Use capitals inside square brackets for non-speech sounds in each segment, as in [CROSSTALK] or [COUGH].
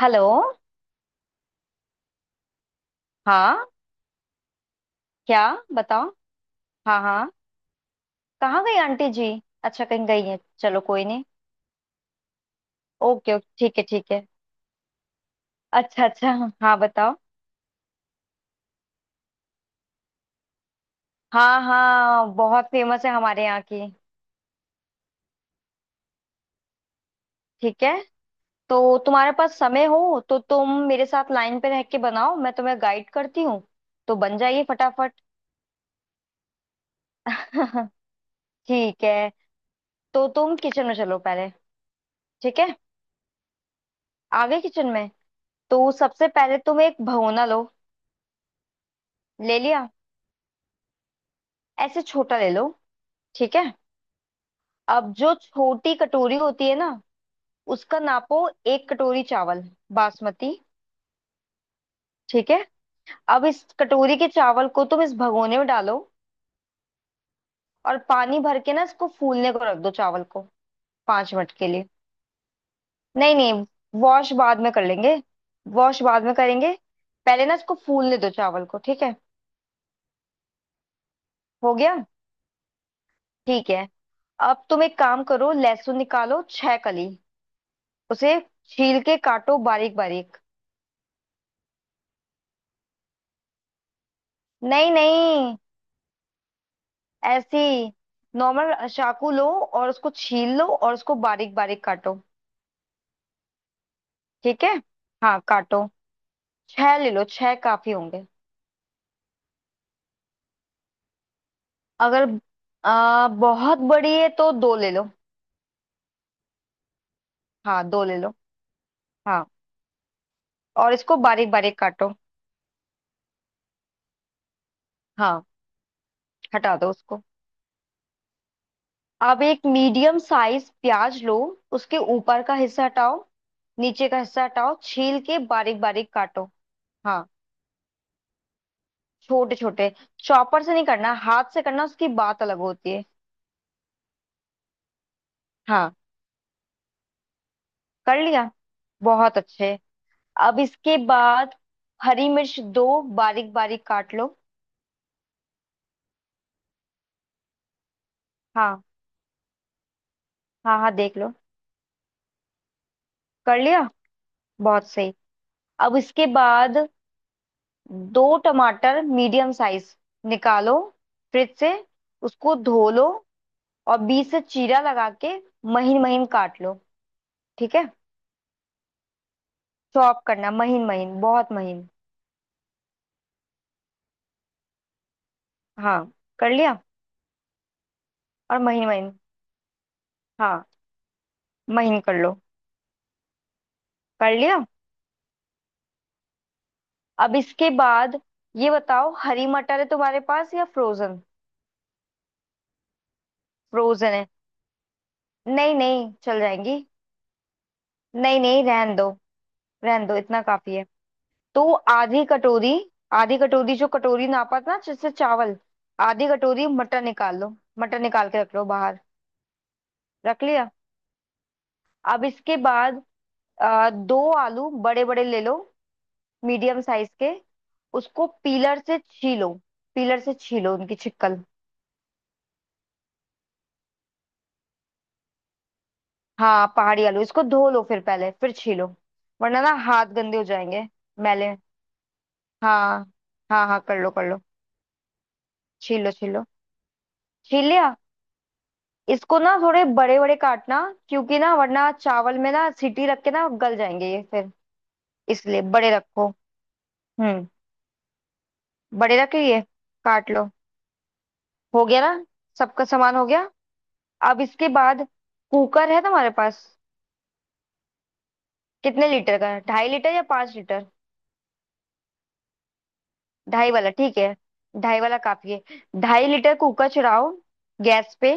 Hello. हाँ, क्या? बताओ। हाँ हाँ। कहाँ गई आंटी जी? अच्छा, कहीं गई है, चलो कोई नहीं। ओके ओके, ठीक है ठीक है। अच्छा अच्छा, हाँ बताओ। हाँ हाँ, बहुत फेमस है हमारे यहाँ की। ठीक है, तो तुम्हारे पास समय हो तो तुम मेरे साथ लाइन पे रह के बनाओ, मैं तुम्हें गाइड करती हूँ। तो बन जाइए फटाफट। [LAUGHS] ठीक है, तो तुम किचन में चलो पहले। ठीक है, आगे किचन में। तो सबसे पहले तुम एक भगोना लो। ले लिया? ऐसे छोटा ले लो। ठीक है। अब जो छोटी कटोरी होती है ना, उसका नापो। 1 कटोरी चावल, बासमती। ठीक है। अब इस कटोरी के चावल को तुम इस भगोने में डालो, और पानी भर के ना इसको फूलने को रख दो चावल को, 5 मिनट के लिए। नहीं नहीं, वॉश बाद में कर लेंगे। वॉश बाद में करेंगे। पहले ना इसको फूलने दो चावल को, ठीक है। हो गया? ठीक है। अब तुम एक काम करो, लहसुन निकालो 6 कली। उसे छील के काटो बारीक बारीक। नहीं नहीं, ऐसी नॉर्मल चाकू लो और उसको छील लो और उसको बारीक बारीक काटो। ठीक है, हाँ काटो। 6 ले लो, 6 काफी होंगे। अगर बहुत बड़ी है तो दो ले लो। हाँ दो ले लो। हाँ। और इसको बारीक बारीक काटो। हाँ, हटा दो उसको। अब एक मीडियम साइज प्याज लो। उसके ऊपर का हिस्सा हटाओ, नीचे का हिस्सा हटाओ, छील के बारीक बारीक काटो। हाँ छोटे छोटे। चॉपर से नहीं करना, हाथ से करना, उसकी बात अलग होती है। हाँ, कर लिया? बहुत अच्छे। अब इसके बाद हरी मिर्च दो बारीक बारीक काट लो। हाँ हाँ, हाँ देख लो। कर लिया? बहुत सही। अब इसके बाद दो टमाटर मीडियम साइज निकालो, फ्रिज से। उसको धो लो और बीच से चीरा लगा के महीन महीन काट लो। ठीक है, चॉप करना, महीन महीन, बहुत महीन। हाँ कर लिया? और महीन महीन। हाँ महीन कर लो। कर लिया? अब इसके बाद ये बताओ, हरी मटर है तुम्हारे पास या फ्रोजन? फ्रोजन है? नहीं नहीं, चल जाएंगी। नहीं नहीं, रहन दो। रहन दो, इतना काफी है। तो आधी कटोरी, आधी कटोरी, जो कटोरी नापा था ना जिससे चावल, आधी कटोरी मटर निकाल लो, मटर निकाल के रख लो बाहर। रख लिया? अब इसके बाद दो आलू बड़े बड़े ले लो, मीडियम साइज के। उसको पीलर से छीलो, पीलर से छीलो उनकी छिकल। हाँ पहाड़ी आलू, इसको धो लो फिर पहले, फिर छीलो। वरना ना हाथ गंदे हो जाएंगे, मैले। हाँ हाँ हाँ, कर लो कर लो। छीलो छीलो। छील लिया? इसको ना थोड़े बड़े बड़े काटना, क्योंकि ना वरना चावल में ना सीटी रख के ना गल जाएंगे ये फिर। इसलिए बड़े रखो। हम्म, बड़े रखे ये। काट लो। हो गया ना, सबका सामान हो गया? अब इसके बाद कुकर है तुम्हारे पास? कितने लीटर का है, 2.5 लीटर या 5 लीटर? ढाई वाला ठीक है, ढाई वाला काफी है। 2.5 लीटर कुकर चढ़ाओ गैस पे,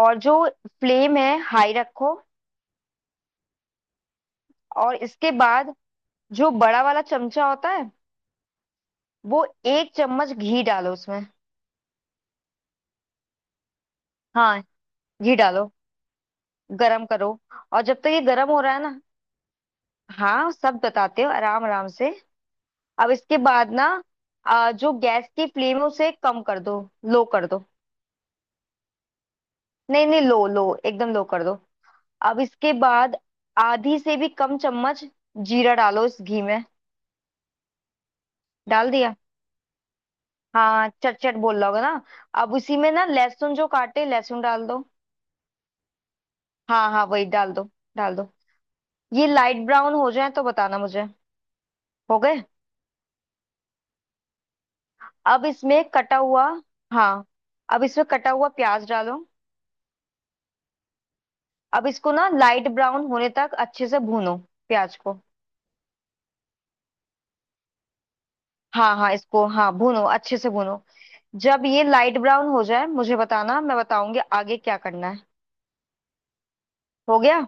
और जो फ्लेम है हाई रखो। और इसके बाद जो बड़ा वाला चमचा होता है, वो 1 चम्मच घी डालो उसमें। हाँ घी डालो, गरम करो। और जब तक ये गरम हो रहा है ना, हाँ सब बताते हो आराम आराम से। अब इसके बाद ना, जो गैस की फ्लेम है उसे कम कर दो, लो कर दो। नहीं नहीं, लो लो, एकदम लो कर दो। अब इसके बाद आधी से भी कम चम्मच जीरा डालो इस घी में। डाल दिया? हाँ चट चट बोल रहा होगा ना। अब उसी में ना लहसुन, जो काटे लहसुन, डाल दो। हाँ हाँ, वही डाल दो। डाल दो। ये लाइट ब्राउन हो जाए तो बताना मुझे। हो गए? अब इसमें कटा हुआ, हाँ, अब इसमें कटा हुआ प्याज डालो। अब इसको ना लाइट ब्राउन होने तक अच्छे से भूनो, प्याज को। हाँ हाँ, इसको हाँ भूनो अच्छे से भूनो। जब ये लाइट ब्राउन हो जाए मुझे बताना, मैं बताऊंगी आगे क्या करना है। हो गया?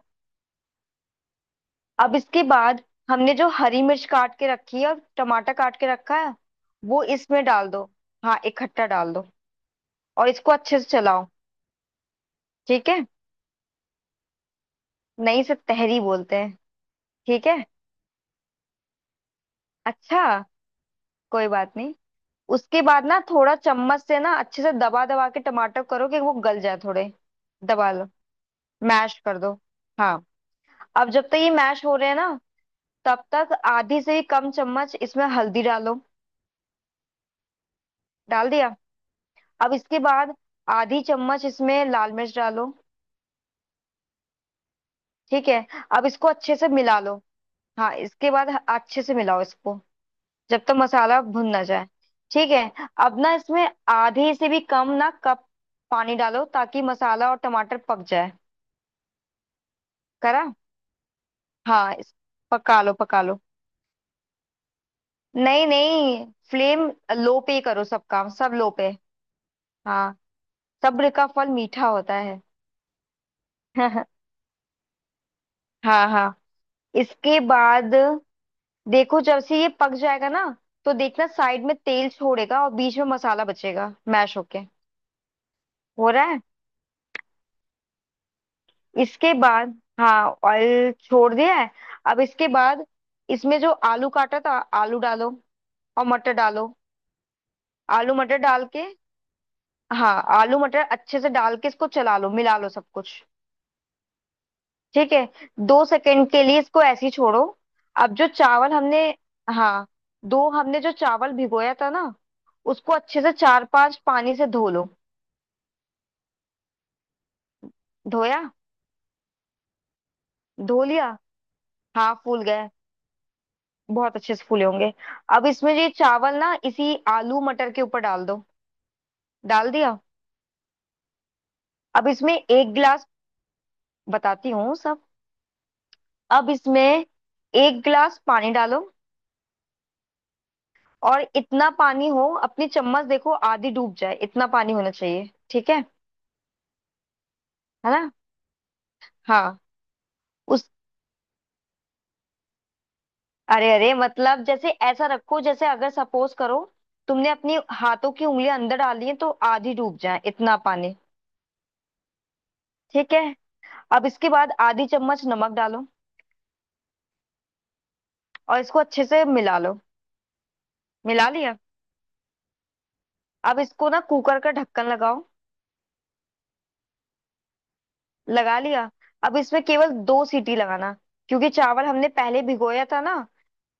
अब इसके बाद हमने जो हरी मिर्च काट के रखी है और टमाटर काट के रखा है, वो इसमें डाल दो। हाँ इकट्ठा डाल दो। और इसको अच्छे से चलाओ। ठीक है। नहीं, से तहरी बोलते हैं। ठीक है, अच्छा। कोई बात नहीं। उसके बाद ना थोड़ा चम्मच से ना अच्छे से दबा दबा के टमाटर करो कि वो गल जाए थोड़े। दबा लो, मैश कर दो। हाँ। अब जब तक ये मैश हो रहे हैं ना, तब तक आधी से भी कम चम्मच इसमें हल्दी डालो। डाल दिया? अब इसके बाद आधी चम्मच इसमें लाल मिर्च डालो। ठीक है। अब इसको अच्छे से मिला लो। हाँ इसके बाद अच्छे से मिलाओ इसको, जब तक मसाला भुन ना जाए। ठीक है। अब ना इसमें आधे से भी कम ना कप पानी डालो, ताकि मसाला और टमाटर पक जाए। करा। हाँ पका लो पका लो। नहीं नहीं, फ्लेम लो पे करो, सब काम सब लो पे। हाँ, सब्र का फल मीठा होता है। [LAUGHS] हाँ हाँ। इसके बाद देखो, जब से ये पक जाएगा ना, तो देखना साइड में तेल छोड़ेगा और बीच में मसाला बचेगा मैश होके। हो रहा है? इसके बाद, हाँ ऑयल छोड़ दिया है। अब इसके बाद इसमें जो आलू काटा था, आलू डालो और मटर डालो। आलू मटर डाल के, हाँ आलू मटर अच्छे से डाल के इसको चला लो, मिला लो सब कुछ। ठीक है। 2 सेकंड के लिए इसको ऐसे ही छोड़ो। अब जो चावल हमने, हाँ दो, हमने जो चावल भिगोया था ना, उसको अच्छे से चार पांच पानी से धो लो। धोया? धो लिया? हाँ फूल गए, बहुत अच्छे से फूले होंगे। अब इसमें ये चावल ना इसी आलू मटर के ऊपर डाल दो। डाल दिया? अब इसमें एक गिलास, बताती हूँ सब। अब इसमें 1 गिलास पानी डालो। और इतना पानी हो, अपनी चम्मच देखो आधी डूब जाए, इतना पानी होना चाहिए, ठीक है। है ना। हाँ उस, अरे अरे, मतलब जैसे ऐसा रखो, जैसे अगर सपोज करो तुमने अपनी हाथों की उंगलियां अंदर डाली है तो आधी डूब जाए, इतना पानी। ठीक है। अब इसके बाद आधी चम्मच नमक डालो। और इसको अच्छे से मिला लो। मिला लिया? अब इसको ना कुकर का ढक्कन लगाओ। लगा लिया? अब इसमें केवल 2 सीटी लगाना, क्योंकि चावल हमने पहले भिगोया था ना,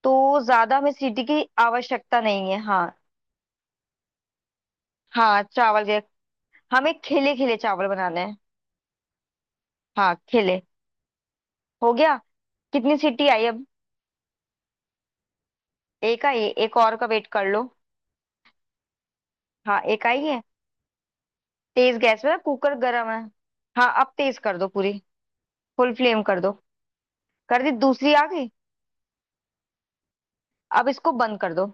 तो ज्यादा हमें सीटी की आवश्यकता नहीं है, हाँ। हाँ चावल के, हमें खिले खिले चावल बनाने हैं। हाँ खिले। हो गया? कितनी सीटी आई अब? एक आई है, एक और का वेट कर लो। हाँ एक आई है, तेज गैस पे ना कुकर गर्म है। हाँ अब तेज कर दो पूरी, फुल फ्लेम कर दो। कर दी? दूसरी आ गई? अब इसको बंद कर दो।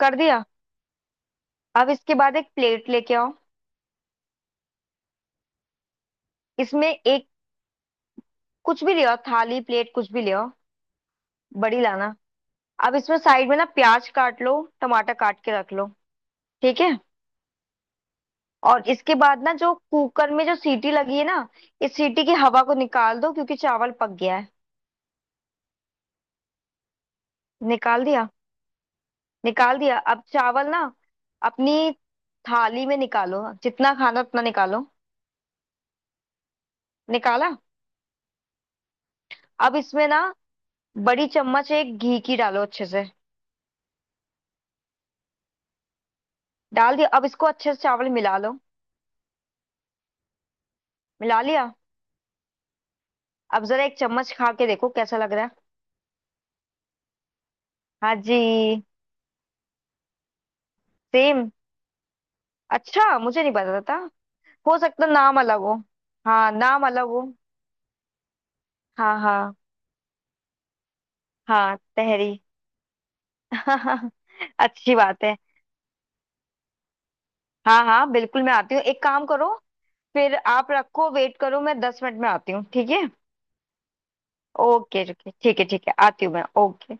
कर दिया? अब इसके बाद एक प्लेट लेके आओ। इसमें एक, कुछ भी ले आओ, थाली प्लेट कुछ भी ले आओ। बड़ी लाना। अब इसमें साइड में ना प्याज काट लो, टमाटर काट के रख लो। ठीक है। और इसके बाद ना जो कुकर में जो सीटी लगी है ना, इस सीटी की हवा को निकाल दो, क्योंकि चावल पक गया है। निकाल दिया? निकाल दिया? अब चावल ना अपनी थाली में निकालो, जितना खाना उतना निकालो। निकाला? अब इसमें ना बड़ी चम्मच एक घी की डालो अच्छे से। डाल दिया? अब इसको अच्छे से चावल मिला लो। मिला लिया? अब जरा एक चम्मच खा के देखो कैसा लग रहा है। हाँ जी, सेम। अच्छा, मुझे नहीं पता था। हो सकता नाम अलग हो। हाँ नाम अलग हो। हाँ हाँ। हाँ तहरी। [LAUGHS] अच्छी बात है। हाँ हाँ बिल्कुल, मैं आती हूँ, एक काम करो, फिर आप रखो, वेट करो, मैं 10 मिनट में आती हूँ, ठीक है। ओके ओके, ठीक है ठीक है, आती हूँ मैं, ओके।